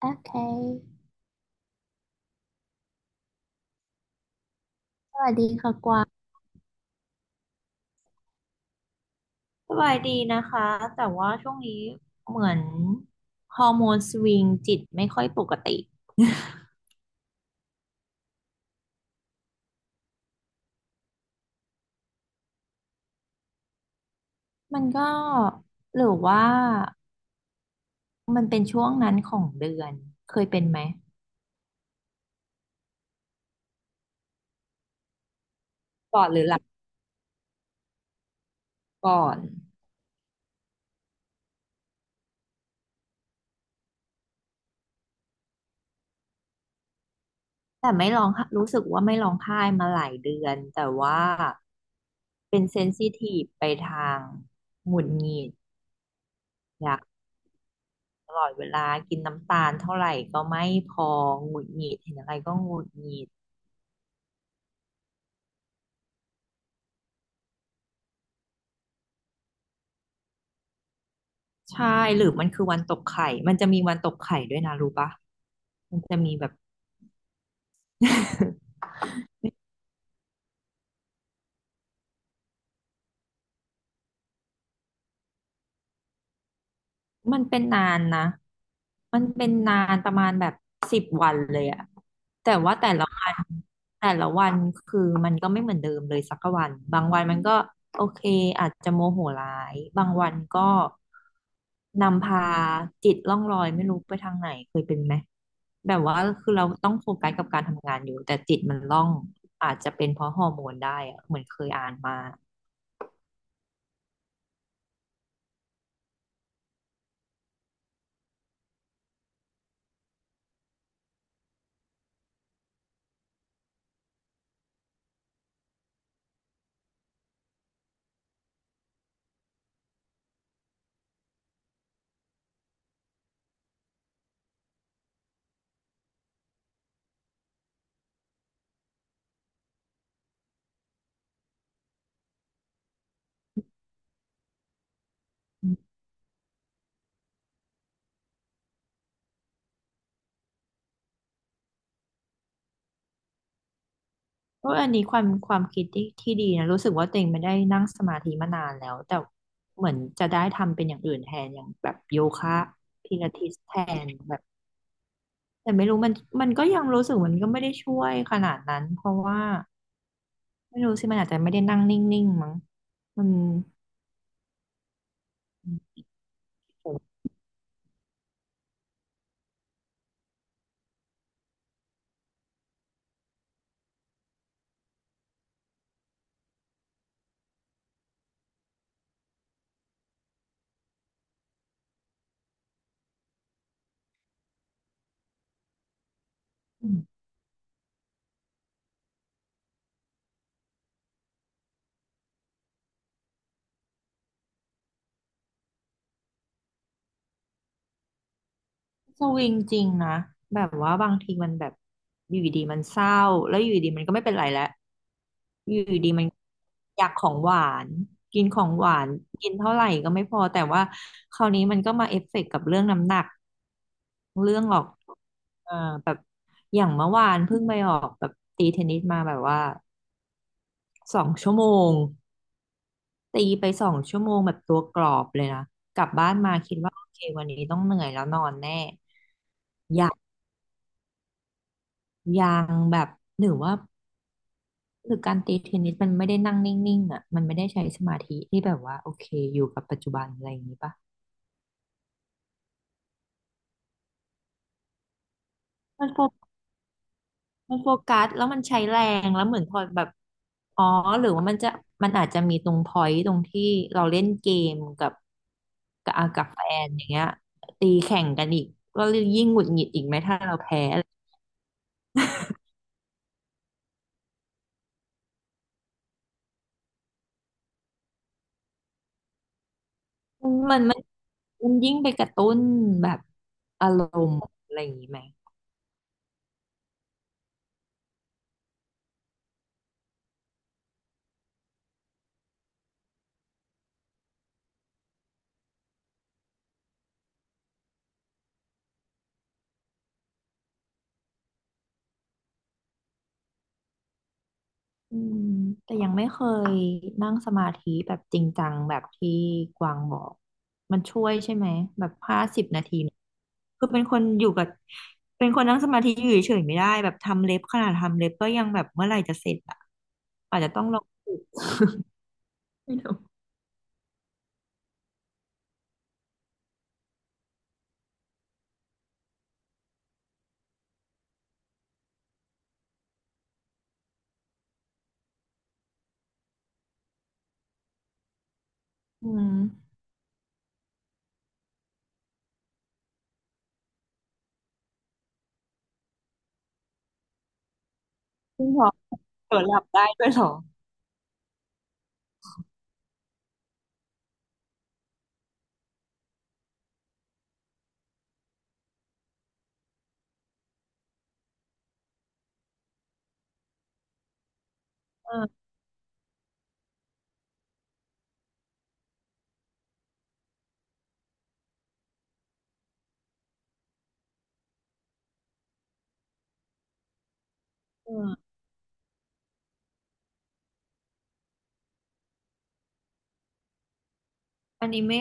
โอเคสวัสดีค่ะกวางสบายดีนะคะแต่ว่าช่วงนี้เหมือนฮอร์โมนสวิงจิตไม่ค่อยปกติ มันก็หรือว่ามันเป็นช่วงนั้นของเดือน เคยเป็นไหม ก่อนหรือหลังก่อน แต่ไม่ร้องไห้รู้สึกว่าไม่ร้องไห้มาหลายเดือนแต่ว่าเป็นเซนซิทีฟไปทางหงุดหงิดอยากตลอดเวลากินน้ำตาลเท่าไหร่ก็ไม่พอหงุดหงิดเห็นอะไรก็หงุดหงิด ใช่หรือมันคือวันตกไข่มันจะมีวันตกไข่ด้วยนะรู้ปะมันจะมีแบบ มันเป็นนานนะ มันเป็นนานประมาณแบบ10 วันเลยอะแต่ว่าแต่ละวัน แต่ละวันคือมันก็ไม่เหมือนเดิมเลยสักวัน บางวันมันก็โอเคอาจจะโมโหร้าย บางวันก็นำพาจิตล่องลอยไม่รู้ไปทางไหนเคยเป็นไหม แบบว่าคือเราต้องโฟกัสกับการทำงานอยู่แต่จิตมันล่องอาจจะเป็นเพราะฮอร์โมนได้อะเหมือนเคยอ่านมา ก็อออันนี้ความคิดที่ดีนะรู้สึกว่าตัวเองไม่ได้นั่งสมาธิมานานแล้วแต่เหมือนจะได้ทำเป็นอย่างอื่นแทนอย่างแบบโยคะพิลาทิสแทนแบบแต่ไม่รู้มันมันก็ยังรู้สึกมันก็ไม่ได้ช่วยขนาดนั้นเพราะว่าไม่รู้สิมันอาจจะไม่ได้นั่งนิ่งๆมั้งมัน สวิงจริงนะแบบว่าบางทีมันแบบอยู่ดีๆมันเศร้าแล้วอยู่ดีๆมันก็ไม่เป็นไรแล้วอยู่ดีๆมันอยากของหวานกินของหวานกินเท่าไหร่ก็ไม่พอแต่ว่าคราวนี้มันก็มาเอฟเฟกต์กับเรื่องน้ำหนักเรื่องออกเอ่อแบบอย่างเมื่อวานเพิ่งไปออกแบบตีเทนนิสมาแบบว่าสองชั่วโมงตีไปสองชั่วโมงแบบตัวกรอบเลยนะกลับบ้านมาคิดว่าโอเควันนี้ต้องเหนื่อยแล้วนอนแน่ ยังแบบหรือว่าหรือการตีเทนนิสมันไม่ได้นั่งนิ่งๆอ่ะมันไม่ได้ใช้สมาธิที่แบบว่าโอเคอยู่กับปัจจุบันอะไรอย่างนี้ปะมันโฟมันโฟกัสแล้วมันใช้แรงแล้วเหมือนพอแบบอ๋อหรือว่ามันจะมันอาจจะมีตรงพอยต์ตรงที่เราเล่นเกมกับกับอ่ะกับแฟนอย่างเงี้ยตีแข่งกันอีกก็ยิ่งหงุดหงิดอีกไหมถ้าเราแพ้อะไรมันมันมันยิ่งไปกระตุ้นแบบอารมณ์อะไรอย่างนี้ไหม อืมแต่ยังไม่เคยนั่งสมาธิแบบจริงจังแบบที่กวางบอกมันช่วยใช่ไหมแบบ50 นาทีเนี่ยคือเป็นคนอยู่กับเป็นคนนั่งสมาธิอยู่เฉยๆไม่ได้แบบทำเล็บขนาดทำเล็บก็ยังแบบเมื่อไหร่จะเสร็จอ่ะอาจจะต้องลองฝึกไม่รู้อืมซึ่งพอเผลอหลับได้ด้วยเหรอเออเอออันนี้ไม่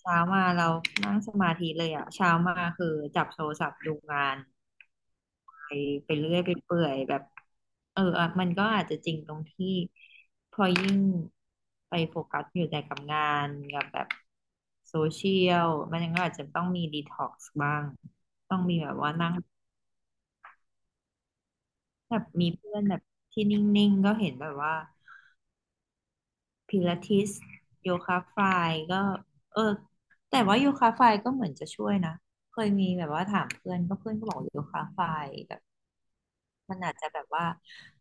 เช้ามาเรานั่งสมาธิเลยอ่ะเช้ามาคือจับโทรศัพท์ดูงาน ไปไปเรื่อยไปเปื่อยแบบเอออ่ะมันก็อาจจะจริงตรงที่พอยิ่งไปโฟกัสอยู่แต่กับงานกับแบบโซเชียลมันก็อาจจะต้องมีดีท็อกซ์บ้างต้องมีแบบว่านั่งแบบมีเพื่อนแบบที่นิ่งๆก็เห็นแบบว่า พิลาทิสโยคะฟลายก็เออแต่ว่าโยคะฟลายก็เหมือนจะช่วยนะเคยมีแบบว่าถามเพื่อนก็เพื่อนก็บอกโยคะฟลายแบบมันอาจจะแบบว่า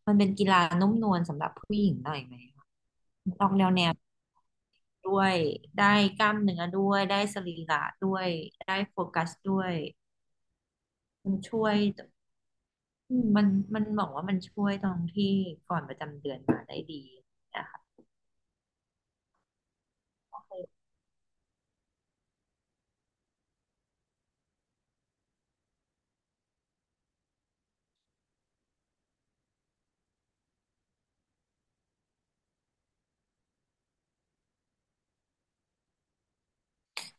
มันเป็นกีฬานุ่มนวลสำหรับผู้หญิงหน่อยไหมคะออกแนวแนวด้วยได้กล้ามเนื้อด้วยได้สรีระด้วยได้โฟกัสด้วยมันช่วยอืมมันมันบอกว่ามันช่วยตรงที่ก่อนประจำเดือนมาได้ดี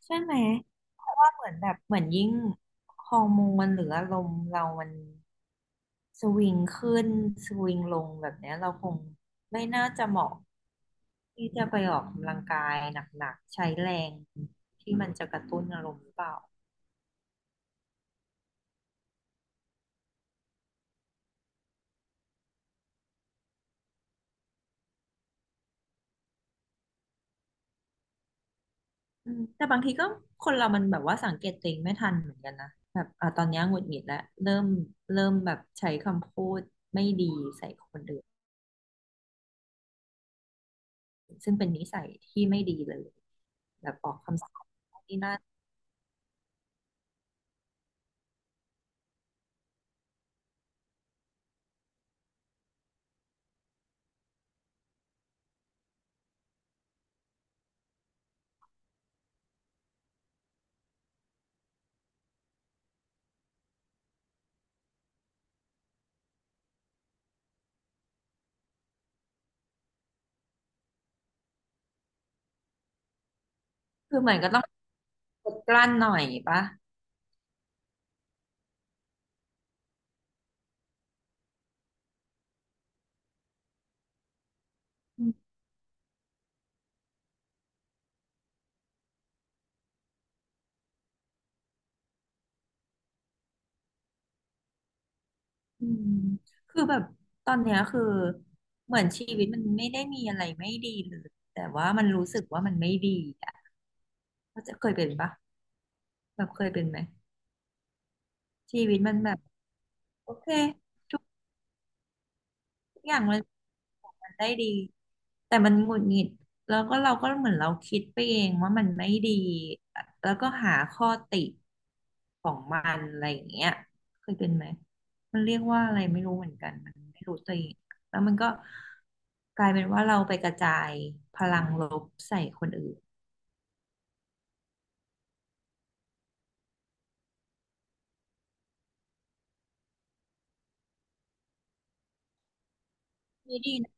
ใช่ไหม เพราะว่าเหมือนแบบเหมือนยิ่งฮอร์โมนหรืออารมณ์เรามันสวิงขึ้นสวิงลงแบบเนี้ยเราคงไม่น่าจะเหมาะที่จะไปออกกำลังกายหนักๆใช้แรงที่มันจะกระตุ้นอารมณ์หรือเปล่าอืมแต่บางทีก็คนเรามันแบบว่าสังเกตตัวเองไม่ทันเหมือนกันนะแบบอ่ะตอนเนี้ยหงุดหงิดแล้วเริ่มเริ่มแบบใช้คำพูดไม่ดีใส่คนอื่นซึ่งเป็นนิสัยที่ไม่ดีเลยแบบออกคำสั่งนี่นน คือเหมือนก็ต้องอดกลั้นหน่อยปะอืมอืมคือแบบตอนเนี้ยคือเหมือนชีวิตมันไม่ได้มีอะไรไม่ดีเลย แต่ว่ามันรู้สึกว่ามันไม่ดีอ่ะก็จะเคยเป็นปะแบบเคยเป็นไหมชีวิตมันแบบโอเค ทุกอย่างมันมันได้ดีแต่มันหงุดหงิดแล้วก็เราก็เหมือนเราคิดไปเองว่ามันไม่ดีแล้วก็หาข้อติของมันอะไรอย่างเงี้ยเคยเป็นไหมมันเรียกว่าอะไรไม่รู้เหมือนกันมันไม่รู้ตัวเองแล้วมันก็กลายเป็นว่าเราไปกระจายพลังลบใส่คนอื่นนี่ดีนะ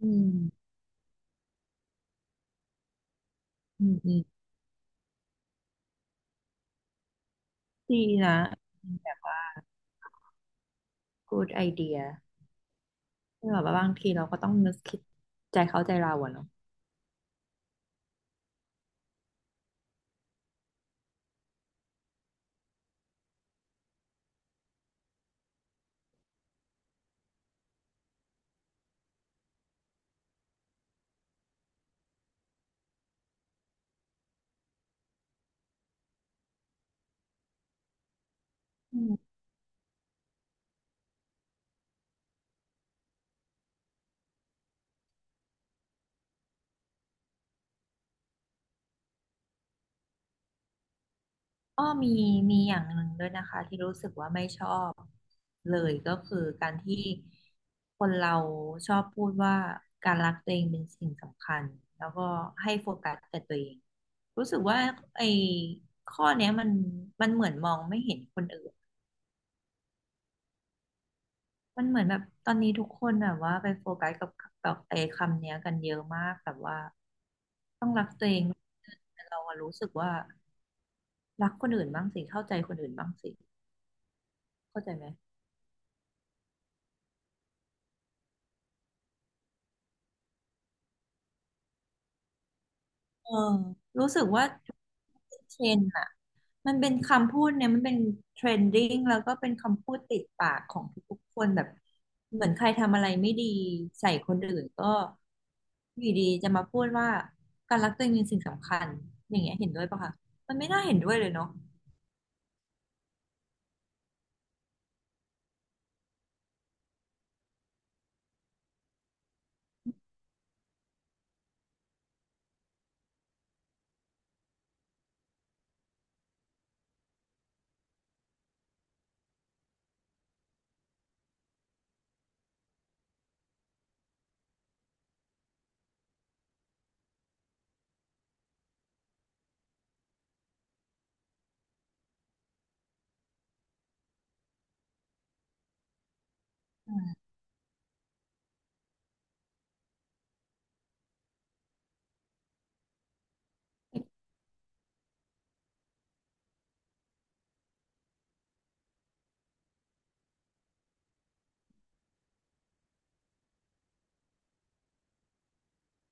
อืมอืมอืมดีนะ good idea ที่แบบว่าบางทีเราก็ต้องนึกคิดใจเขาใจเราอะเนาะ ก็มีมีอย่างหนึ่งด้วยนะคะที่รู้สึกว่าไม่ชอบเลยก็คือการที่คนเราชอบพูดว่าการรักตัวเองเป็นสิ่งสำคัญแล้วก็ให้โฟกัสแต่ตัวเองรู้สึกว่าไอ้ข้อเนี้ยมันมันเหมือนมองไม่เห็นคนอื่นมันเหมือนแบบตอนนี้ทุกคนแบบว่าไปโฟกัสกับกับไอ้คำเนี้ยกันเยอะมากแบบว่าต้องรักตัวเองแต่เราอะรู้สึกว่ารักคนอื่นบ้างสิเข้าใจคนอื่นบ้างสิเข้าใจไหม เออรู้สึกว่าเทรนด์อะมันเป็นคำพูดเนี่ยมันเป็นเทรนดิ้งแล้วก็เป็นคำพูดติดปากของทุกๆคนแบบเหมือนใครทำอะไรไม่ดีใส่คนอื่นก็อยู่ดีจะมาพูดว่าการรักตัวเองเป็นสิ่งสำคัญอย่างเงี้ยเห็นด้วยปะคะมันไม่น่าเห็นด้วยเลยเนาะอืม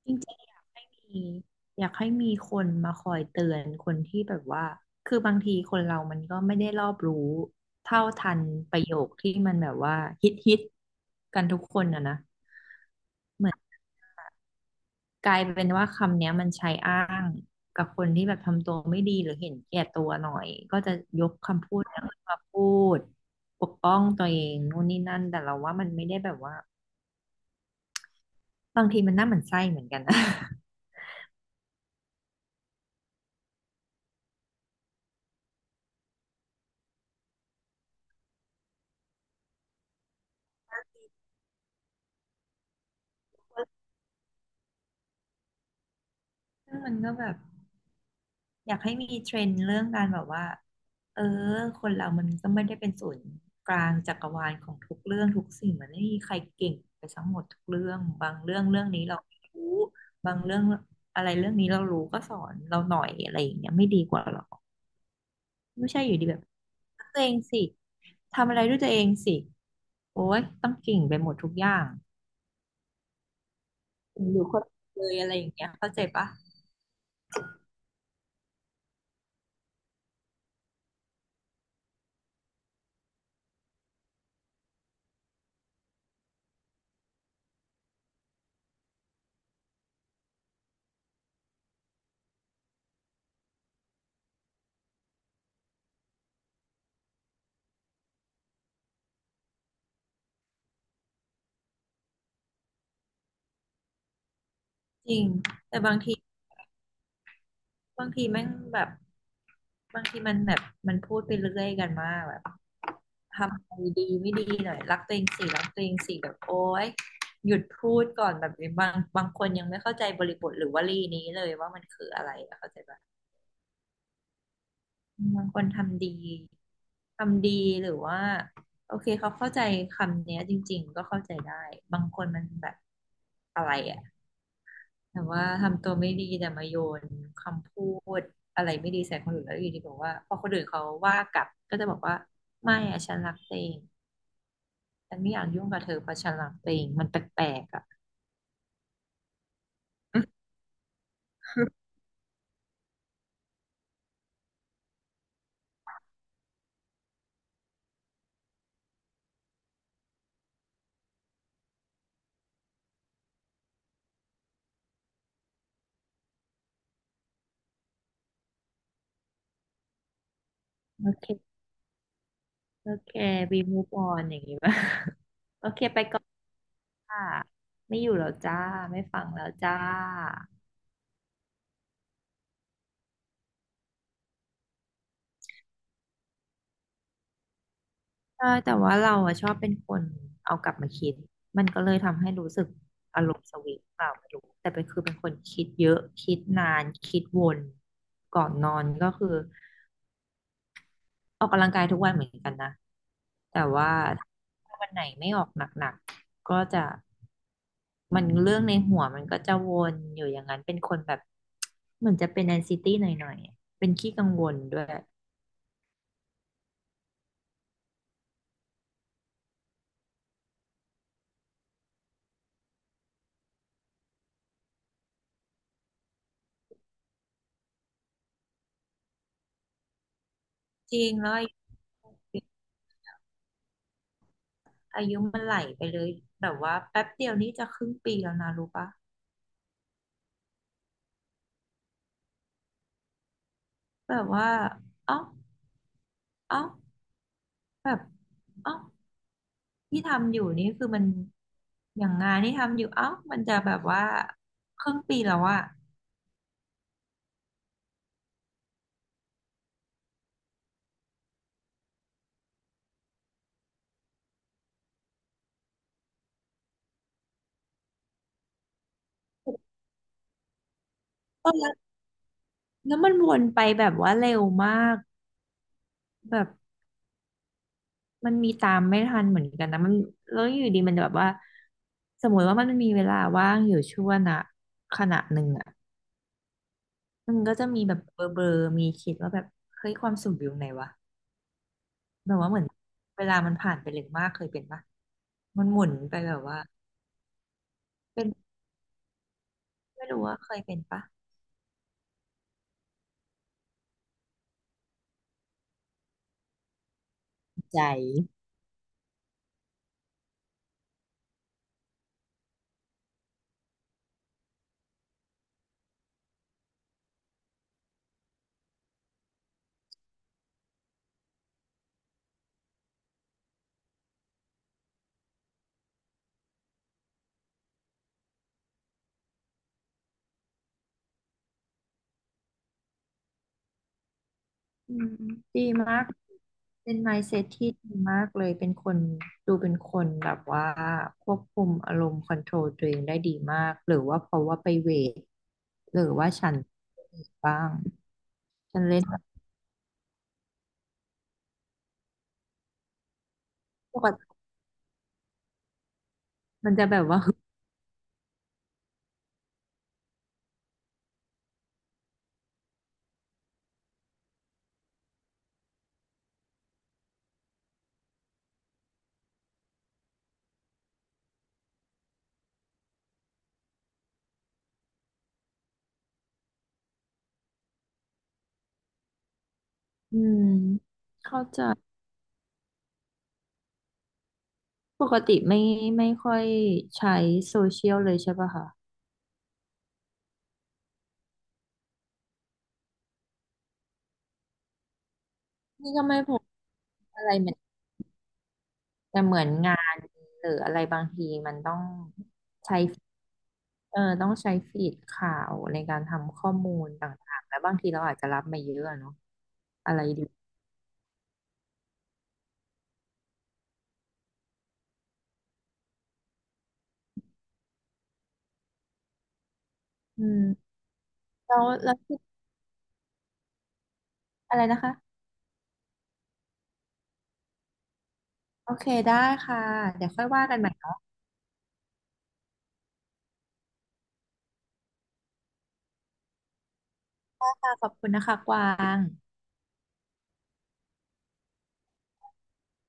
จริงๆอยากให้มีอยากให้มีคนมาคอยเตือนคนที่แบบว่าคือบางทีคนเรา มันก็ไม่ได้รอบรู้เท่าทันประโยคที่มันแบบว่าฮิตฮิตกันทุกคนอะนะเหมือนกลายเป็นว่าคำเนี้ยมันใช้อ้างกับคนที่แบบทำตัวไม่ดีหรือเห็นแก่ตัวหน่อยก็จะยกคำพูดนั้นมาพูดปกป้องตัวเองนู่นนี่นั่นแต่เราว่ามันไม่ได้แบบว่าบางทีมันน่าหมั่นไส้เหมือนกันนะ ซึ่งมันก็แบบ อยากให้มีเทรนด์เรื่องการแบบว่าเออคนเรามันก็ไม่ได้เป็นศูนย์กลางจักรวาลของทุกเรื่องทุกสิ่งมันไม่มีใครเก่งไปทั้งหมดทุกเรื่องบางเรื่องเรื่องนี้เราไม่รู้บางเรื่องอะไรเรื่องนี้เรารู้ก็สอนเราหน่อยอะไรอย่างเงี้ยไม่ดีกว่าหรอไม่ใช่อยู่ดีแบบรักตัวเองสิทำอะไรด้วยตัวเองสิโอ้ยต้องเก่งไปหมดทุกอย่างอยู่คนเดียวเลยอะไรอย่างเงี้ยเข้าใจปะจริงแต่บางที บางทีแม่งแบบบางทีมันแบบมันพูดไปเรื่อยกันมากแบบทำอะไรดีไม่ดีหน่อยรักตัวเองสิรักตัวเองสิแบบโอ๊ยหยุดพูดก่อนแบบบางบางคนยังไม่เข้าใจบริบทหรือวลีนี้เลยว่ามันคืออะไรอะเข้าใจปะบางคนทำดีทำดีหรือว่าโอเคเขาเข้าใจคำเนี้ยจริงๆก็เข้าใจได้บางคนมันแบบอะไรอะ แต่ว่าทำตัวไม่ดีแต่มาโยนคำพูดอะไรไม่ดีใส่คนอื่นแล้วอยู่ดีบอกว่าพอคนอื่นเขาว่ากลับก็จะบอกว่าไม่อะฉันรักตัวเองฉันไม่อยากยุ่งกับเธอเพราะฉันรักตัวเองมันแปลกๆอ่ะโอเคโอเคบีมูฟออนอย่างนี้ป่ะ โอเคไปก่อนค่ะไม่อยู่แล้วจ้าไม่ฟังแล้วจ้า ใช่แต่ว่าเราอะชอบเป็นคนเอากลับมาคิดมันก็เลยทำให้รู้สึกอารมณ์สวิงเปล่าไม่รู้แต่เป็นคือเป็นคนคิดเยอะคิดนานคิดวนก่อนนอนก็คือออกกำลังกายทุกวันเหมือนกันนะแต่ว่าถ้าวันไหนไม่ออกหนักๆก็จะมันเรื่องในหัวมันก็จะวนอยู่อย่างนั้นเป็นคนแบบเหมือนจะเป็นแอนไอซิตี้หน่อยๆอะเป็นขี้กังวลด้วยจริงแล้ว อายุมันไหลไปเลยแบบว่าแป๊บเดียวนี่จะครึ่งปีแล้วนะรู้ปะแบบว่าเอ้าเอ้าแบบเอ้าที่ทำอยู่นี่คือมันอย่างงานที่ทำอยู่เอ้ามันจะแบบว่าครึ่งปีแล้วอะเออแล้วแล้วมันวนไปแบบว่าเร็วมากแบบมันมีตามไม่ทันเหมือนกันนะมันแล้วอยู่ดีมันแบบว่าสมมติว่ามันมีเวลาว่างอยู่ช่วงนะขณะหนึ่งอะมันก็จะมีแบบเบลอๆมีคิดว่าแบบเฮ้ยความสุขอยู่ไหนวะ แบบว่าเหมือนเวลามันผ่านไปเร็วมากเคยเป็นปะมันหมุนไปแบบว่าเป็นไม่รู้ว่าเคยเป็นปะใจอืมดีมากเป็น mindset ที่ดีมากเลยเป็นคนดูเป็นคนแบบว่าควบคุมอารมณ์คอนโทรลตัวเองได้ดีมากหรือว่าเพราะว่าไปเวทหรือว่าฉันบ้างฉันเล่นแบบปกติมันจะแบบว่า อืมเข้าใจปกติไม่ไม่ค่อยใช้โซเชียลเลยใช่ปะคะ นี่ก็ไม่พบอะไรเหมือนแต่เหมือนงานหรืออะไรบางทีมันต้องใช้เออต้องใช้ฟีดข่าวในการทำข้อมูลต่างๆแล้วบางทีเราอาจจะรับมาเยอะอะเนาะอะไรดีอืมแล้วราคิดอะไรนะคะโอเคได้ค่ะเดี๋ยวค่อยว่ากันใหม่เนาะค่ะขอบคุณนะคะกวาง